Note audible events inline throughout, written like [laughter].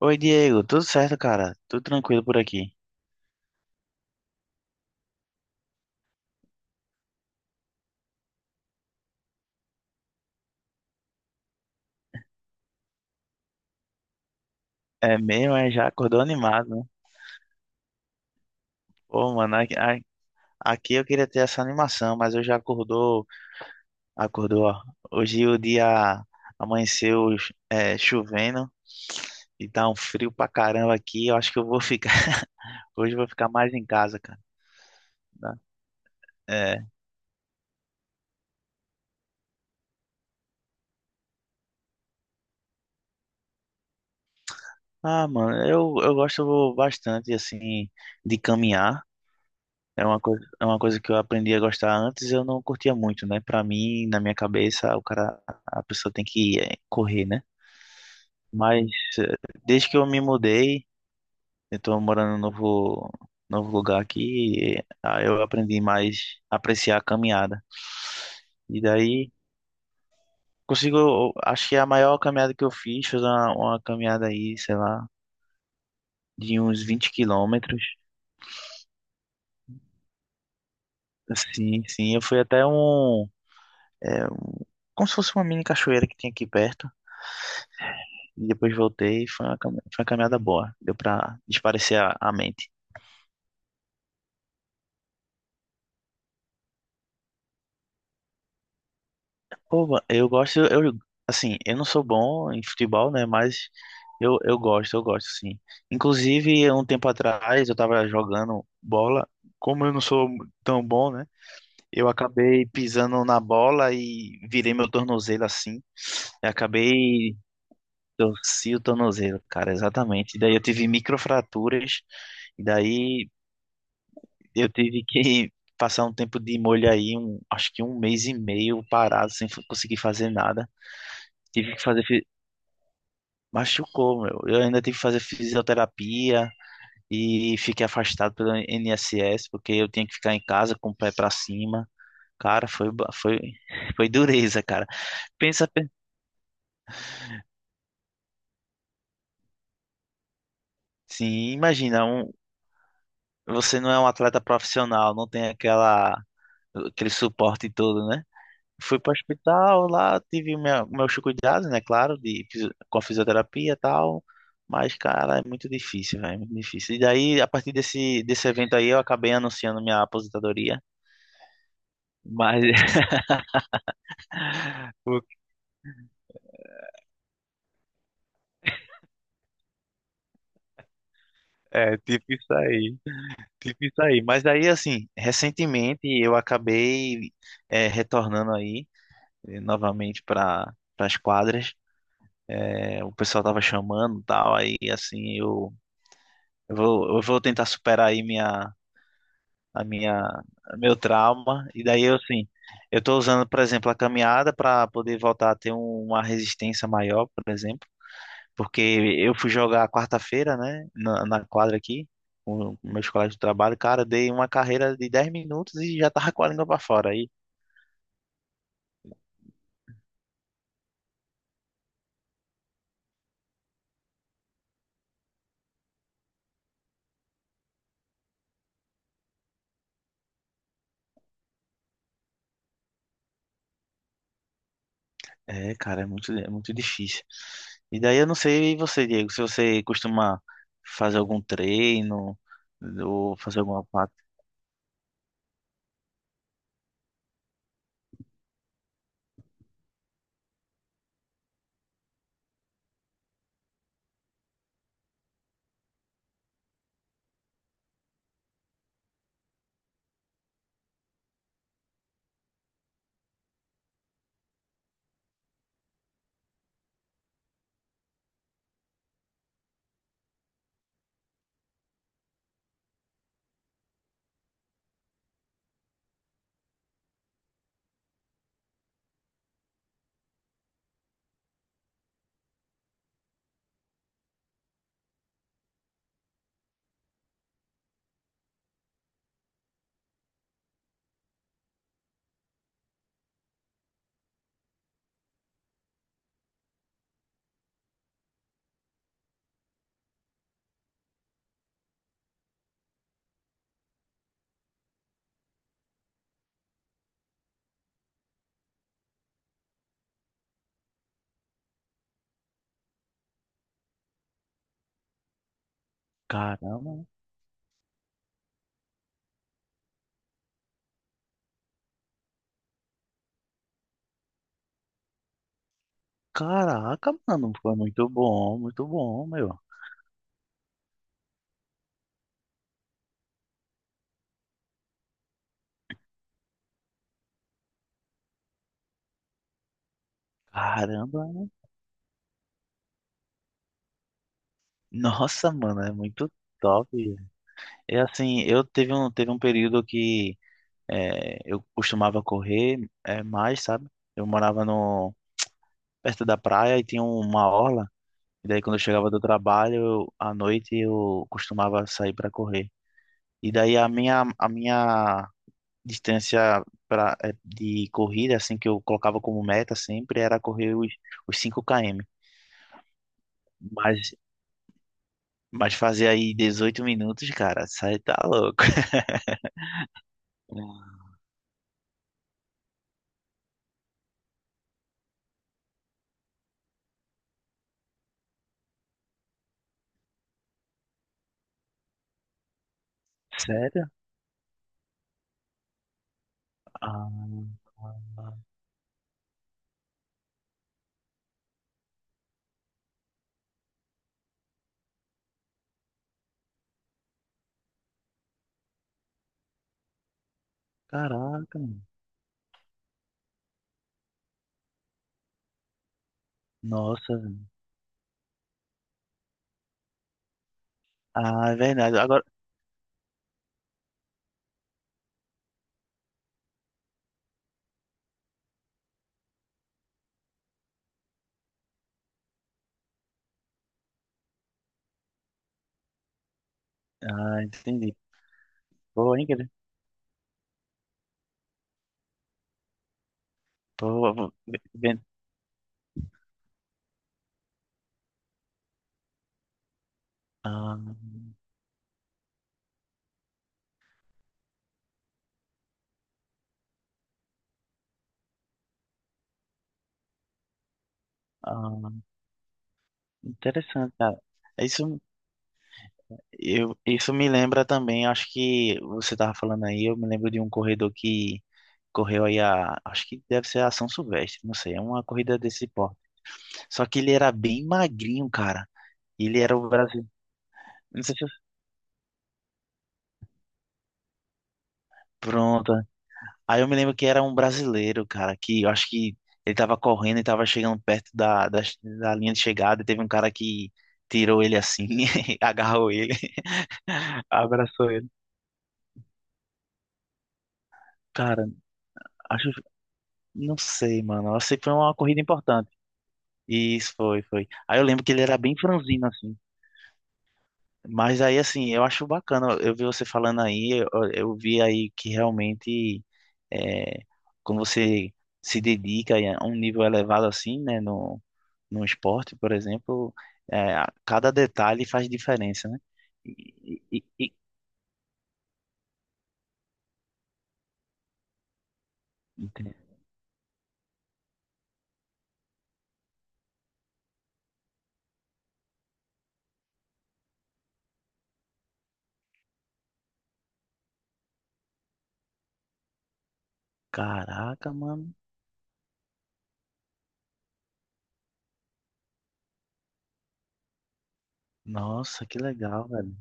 Oi, Diego, tudo certo, cara? Tudo tranquilo por aqui. É mesmo, é, já acordou animado, né? Pô, mano, aqui, aqui eu queria ter essa animação, mas eu já acordou, ó. Hoje o dia amanheceu, chovendo e tá um frio pra caramba aqui. Eu acho que [laughs] hoje eu vou ficar mais em casa, cara. Tá? É. Ah, mano, eu gosto bastante, assim, de caminhar. É uma coisa que eu aprendi a gostar antes, eu não curtia muito, né? Pra mim, na minha cabeça, a pessoa tem que correr, né? Mas eh, desde que eu me mudei, eu tô morando novo lugar aqui, e, ah, eu aprendi mais a apreciar a caminhada. E daí consigo, acho que a maior caminhada que eu fiz foi uma caminhada aí, sei lá, de uns 20 quilômetros. Sim, sim, eu fui até eh, como se fosse uma mini cachoeira que tinha aqui perto. E depois voltei e foi foi uma caminhada boa. Deu pra desaparecer a mente. Pô, assim, eu não sou bom em futebol, né? Mas eu gosto, sim. Inclusive, um tempo atrás, eu tava jogando bola. Como eu não sou tão bom, né? Eu acabei pisando na bola e virei meu tornozelo assim. Eu acabei, torci o tornozelo, cara, exatamente. Daí eu tive microfraturas. E daí eu tive que passar um tempo de molho aí, acho que um mês e meio parado, sem f- conseguir fazer nada. Tive que fazer. Fi- Machucou, meu. Eu ainda tive que fazer fisioterapia e fiquei afastado pelo INSS, porque eu tinha que ficar em casa com o pé pra cima. Cara, [laughs] foi dureza, cara. Pensa, pe- sim, imagina, você não é um atleta profissional, não tem aquele suporte todo, né? Fui para o hospital, lá tive meus cuidados, né? Claro, com a fisioterapia e tal. Mas, cara, é muito difícil, velho. É muito difícil. E daí, a partir desse evento aí, eu acabei anunciando minha aposentadoria. Mas, [laughs] o- é, tipo isso aí. Tipo isso aí. Mas daí, assim, recentemente eu acabei retornando aí, novamente para as quadras. É, o pessoal tava chamando e tal. Aí, assim, eu vou tentar superar aí minha. a minha, meu trauma. E daí eu assim, eu estou usando, por exemplo, a caminhada para poder voltar a ter uma resistência maior, por exemplo, porque eu fui jogar quarta-feira, né, na quadra aqui, com meus colegas de trabalho, cara, eu dei uma carreira de 10 minutos e já tava com a língua para fora aí. É, cara, é muito difícil. E daí eu não sei e você, Diego, se você costuma fazer algum treino ou fazer alguma parte. Caramba, caraca, mano, foi muito bom, meu. Caramba. Nossa, mano, é muito top. É assim, teve um período que eu costumava correr mais, sabe? Eu morava no, perto da praia e tinha uma orla. E daí quando eu chegava do trabalho, à noite eu costumava sair para correr. E daí a minha distância de corrida, assim, que eu colocava como meta sempre, era correr os 5 km. Mas Mas fazer aí 18 minutos, cara, sai tá louco. [laughs] Sério? Ah, caraca, mano. Nossa, velho. Ah, é verdade. Agora. Ah, entendi. Boa, hein, querido? Boa, boa. Ah, ah, interessante, cara. Isso, eu, isso me lembra também, acho que você tava falando aí, eu me lembro de um corredor que correu aí a. Acho que deve ser a São Silvestre, não sei, é uma corrida desse porte. Só que ele era bem magrinho, cara. Ele era o brasileiro. Não sei se eu... Pronto. Aí eu me lembro que era um brasileiro, cara, que eu acho que ele tava correndo e tava chegando perto da linha de chegada e teve um cara que tirou ele assim, [laughs] agarrou ele, [laughs] abraçou ele. Cara, acho, não sei, mano. Eu sei que foi uma corrida importante. Isso foi, foi. Aí eu lembro que ele era bem franzino, assim. Mas aí, assim, eu acho bacana, eu vi você falando aí, eu vi aí que realmente, é, quando você se dedica aí a um nível elevado assim, né, no esporte, por exemplo, é, cada detalhe faz diferença, né? E, e- e- e- Caraca, mano, nossa, que legal, velho.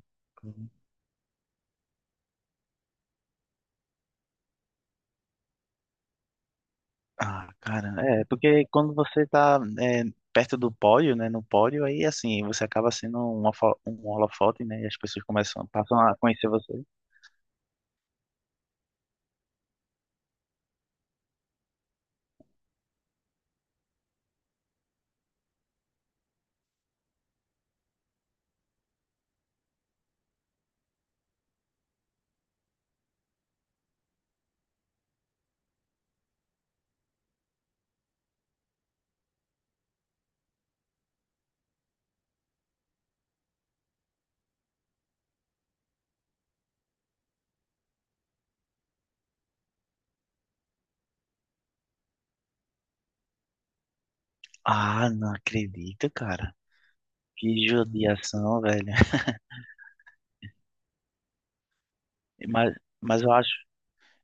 Ah, cara, porque quando você tá perto do pódio, né, no pódio, aí assim, você acaba sendo um holofote, né, e as pessoas começam, passam a conhecer você. Ah, não acredito, cara. Que judiação, velho. [laughs] Mas, mas eu acho,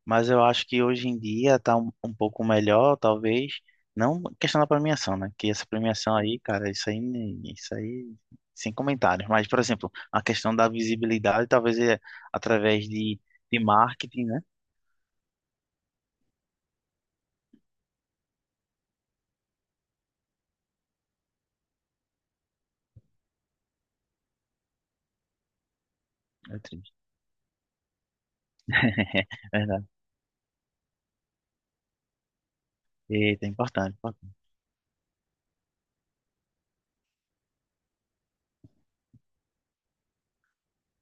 mas eu acho que hoje em dia tá um pouco melhor, talvez. Não questão da premiação, né, que essa premiação aí, cara, isso aí, sem comentários. Mas, por exemplo, a questão da visibilidade, talvez é através de marketing, né? É triste. [laughs] Verdade. Eita, importante, importante.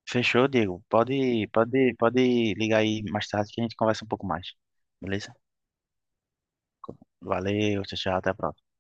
Fechou, Diego. Pode ligar aí mais tarde que a gente conversa um pouco mais. Beleza? Valeu, tchau, tchau, até a próxima.